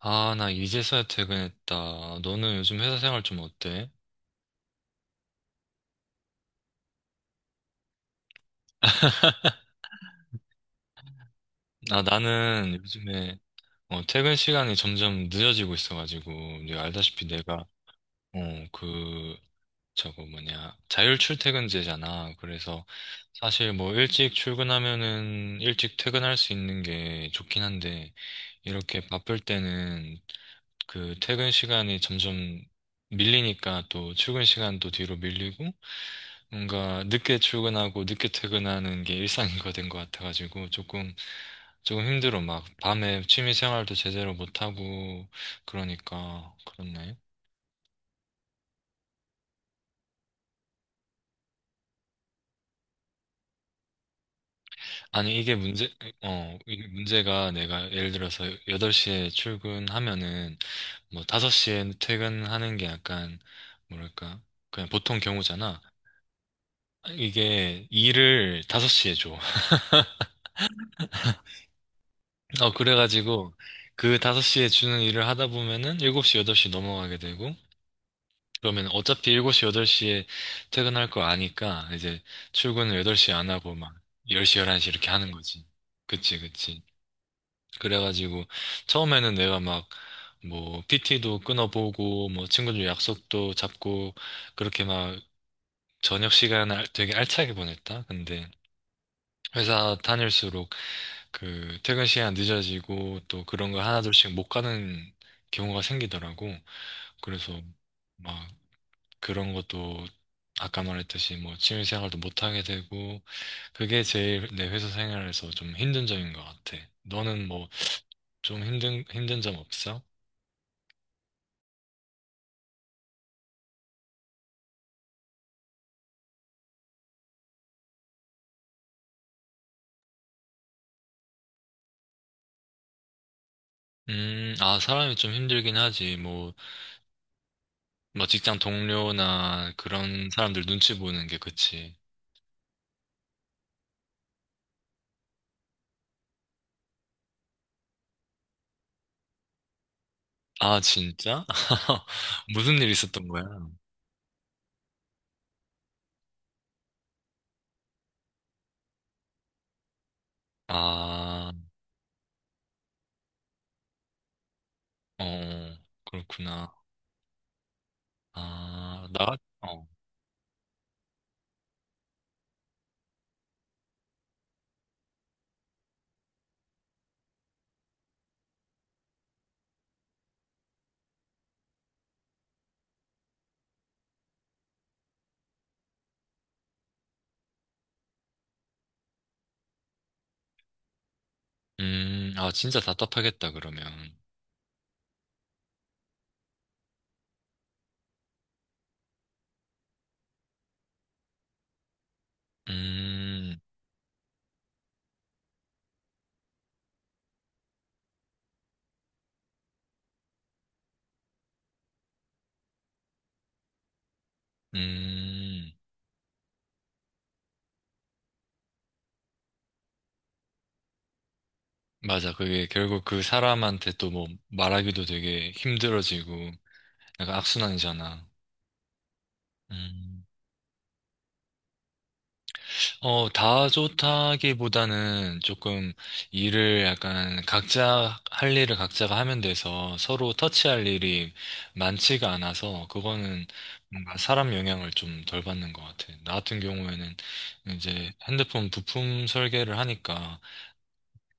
아, 나 이제서야 퇴근했다. 너는 요즘 회사 생활 좀 어때? 아, 나는 요즘에 퇴근 시간이 점점 늦어지고 있어가지고, 네가 알다시피 내가, 어, 그, 저거 뭐냐, 자율 출퇴근제잖아. 그래서 사실 뭐 일찍 출근하면은 일찍 퇴근할 수 있는 게 좋긴 한데, 이렇게 바쁠 때는 그 퇴근 시간이 점점 밀리니까 또 출근 시간도 뒤로 밀리고, 뭔가 늦게 출근하고 늦게 퇴근하는 게 일상거된 것 같아가지고 조금 힘들어. 막 밤에 취미 생활도 제대로 못하고, 그러니까 그렇네. 아니, 이게 문제가, 내가 예를 들어서 8시에 출근하면은 뭐 5시에 퇴근하는 게 약간 뭐랄까 그냥 보통 경우잖아. 이게 일을 5시에 줘. 그래가지고, 그 5시에 주는 일을 하다 보면은 7시 8시 넘어가게 되고, 그러면 어차피 7시, 8시에 퇴근할 거 아니까 이제 출근을 8시 안 하고 막 10시, 11시 이렇게 하는 거지. 그치, 그치. 그래가지고 처음에는 내가 막 뭐 PT도 끊어보고 뭐 친구들 약속도 잡고, 그렇게 막 저녁 시간을 되게 알차게 보냈다. 근데 회사 다닐수록 그 퇴근 시간 늦어지고 또 그런 거 하나둘씩 못 가는 경우가 생기더라고. 그래서 막 그런 것도 아까 말했듯이 뭐 취미 생활도 못 하게 되고. 그게 제일 내 회사 생활에서 좀 힘든 점인 것 같아. 너는 뭐 좀 힘든 점 없어? 아, 사람이 좀 힘들긴 하지. 뭐 직장 동료나 그런 사람들 눈치 보는 게, 그치. 아, 진짜? 무슨 일 있었던 거야? 아, 어, 그렇구나. 아, 나, 어. 아, 진짜 답답하겠다, 그러면. 음. 음, 맞아. 그게 결국 그 사람한테 또 뭐 말하기도 되게 힘들어지고 약간 악순환이잖아. 음. 어, 다 좋다기보다는, 조금 일을 약간 각자 할 일을 각자가 하면 돼서 서로 터치할 일이 많지가 않아서 그거는 뭔가 사람 영향을 좀 덜 받는 것 같아. 나 같은 경우에는 이제 핸드폰 부품 설계를 하니까,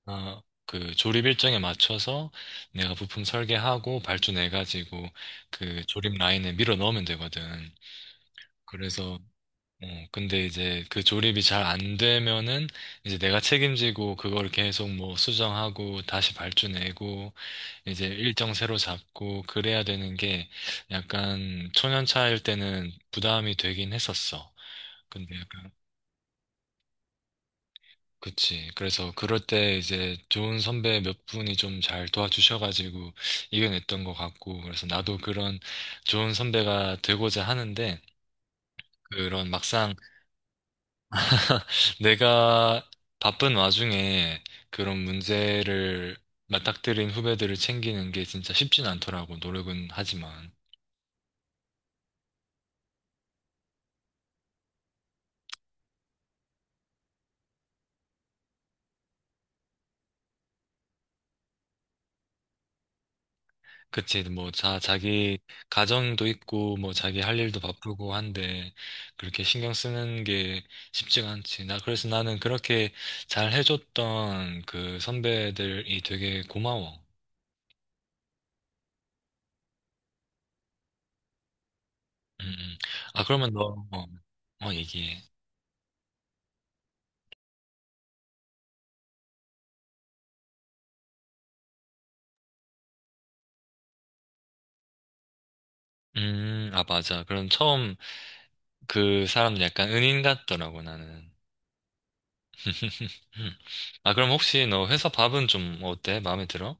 아, 그 조립 일정에 맞춰서 내가 부품 설계하고 발주 내가지고 그 조립 라인에 밀어 넣으면 되거든. 그래서 근데 이제 그 조립이 잘 안 되면은 이제 내가 책임지고 그걸 계속 뭐 수정하고 다시 발주 내고 이제 일정 새로 잡고 그래야 되는 게, 약간 초년차일 때는 부담이 되긴 했었어. 근데 약간, 그치. 그래서 그럴 때 이제 좋은 선배 몇 분이 좀 잘 도와주셔가지고 이겨냈던 것 같고, 그래서 나도 그런 좋은 선배가 되고자 하는데, 그런 막상 내가 바쁜 와중에 그런 문제를 맞닥뜨린 후배들을 챙기는 게 진짜 쉽진 않더라고, 노력은 하지만. 그치. 뭐, 자기 가정도 있고, 뭐, 자기 할 일도 바쁘고 한데, 그렇게 신경 쓰는 게 쉽지가 않지. 그래서 나는 그렇게 잘 해줬던 그 선배들이 되게 고마워. 음, 음. 아, 그러면 너, 얘기해. 아, 맞아. 그럼 처음 그 사람 약간 은인 같더라고, 나는. 아, 그럼 혹시 너 회사 밥은 좀 어때? 마음에 들어?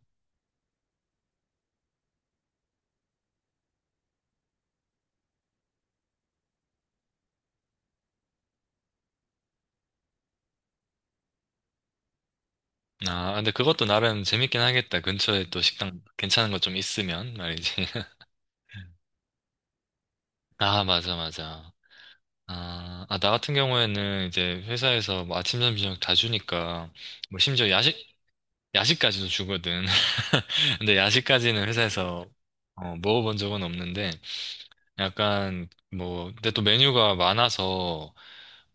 아, 근데 그것도 나름 재밌긴 하겠다. 근처에 또 식당 괜찮은 거 좀 있으면 말이지. 아, 맞아, 맞아. 아, 아, 나 같은 경우에는 이제 회사에서 뭐 아침, 점심, 저녁 다 주니까 뭐 심지어 야식까지도 주거든. 근데 야식까지는 회사에서 먹어본 적은 없는데, 약간 뭐, 근데 또 메뉴가 많아서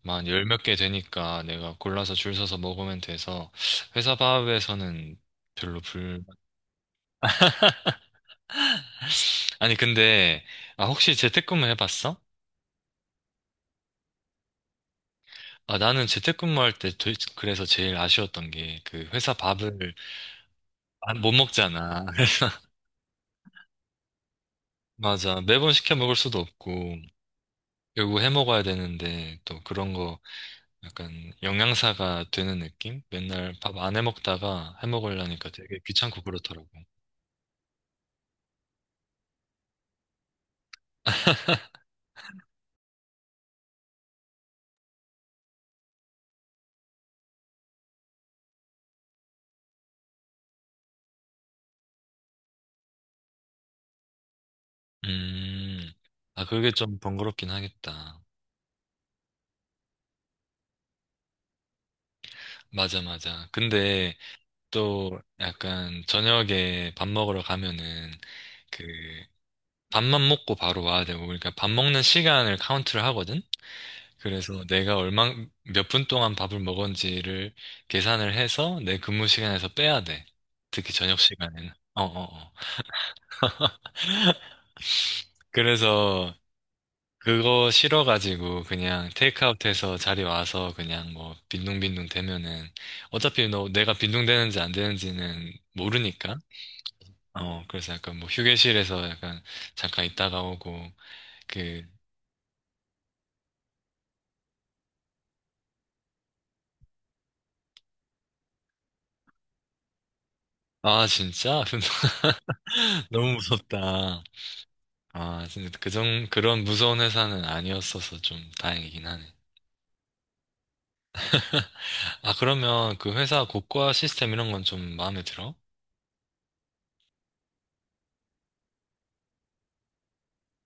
만 열 몇 개 되니까 내가 골라서 줄 서서 먹으면 돼서 회사 밥에서는 별로 불 아니, 근데, 아, 혹시 재택근무 해봤어? 아, 나는 재택근무 할 때, 그래서 제일 아쉬웠던 게, 회사 밥을 못 먹잖아. 그래서 맞아. 매번 시켜 먹을 수도 없고, 결국 해 먹어야 되는데, 또 그런 거, 약간, 영양사가 되는 느낌? 맨날 밥 안 해 먹다가 해 먹으려니까 되게 귀찮고 그렇더라고. 음, 아, 그게 좀 번거롭긴 하겠다. 맞아, 맞아. 근데, 또 약간 저녁에 밥 먹으러 가면은 그 밥만 먹고 바로 와야 되고, 그러니까 밥 먹는 시간을 카운트를 하거든. 그래서 내가 얼마 몇 분 동안 밥을 먹었는지를 계산을 해서 내 근무 시간에서 빼야 돼. 특히 저녁 시간에는. 어, 어, 어. 그래서 그거 싫어가지고 그냥 테이크아웃해서 자리 와서 그냥 뭐 빈둥빈둥 대면은 어차피 너 내가 빈둥대는지 안 되는지는 모르니까, 그래서 약간 뭐 휴게실에서 약간 잠깐 있다가 오고, 그, 아, 진짜? 너무 무섭다. 아, 진짜 그런 무서운 회사는 아니었어서 좀 다행이긴 하네. 아, 그러면 그 회사 고과 시스템 이런 건 좀 마음에 들어?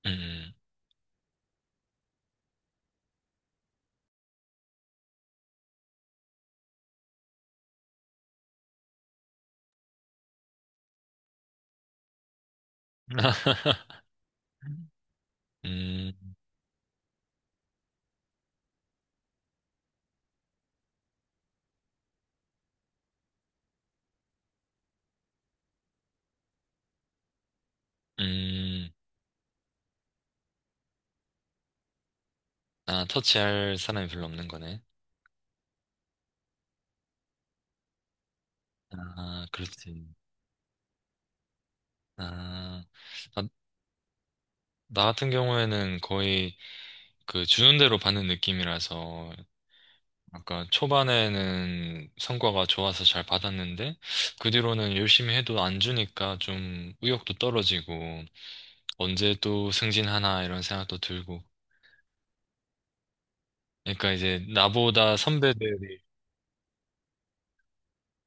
음, 음, 음, 음. 아, 터치할 사람이 별로 없는 거네. 아, 그렇지. 아, 나, 나 같은 경우에는 거의 그 주는 대로 받는 느낌이라서 약간 초반에는 성과가 좋아서 잘 받았는데, 그 뒤로는 열심히 해도 안 주니까 좀 의욕도 떨어지고 언제 또 승진하나 이런 생각도 들고. 그러니까 이제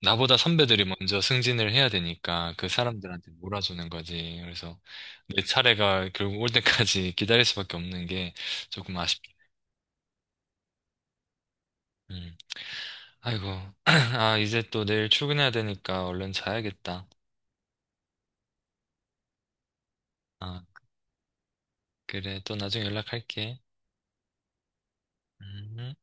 나보다 선배들이 먼저 승진을 해야 되니까 그 사람들한테 몰아주는 거지. 그래서 내 차례가 결국 올 때까지 기다릴 수밖에 없는 게 조금 아쉽다. 음. 아이고. 아, 이제 또 내일 출근해야 되니까 얼른 자야겠다. 아, 그래. 또 나중에 연락할게. 음.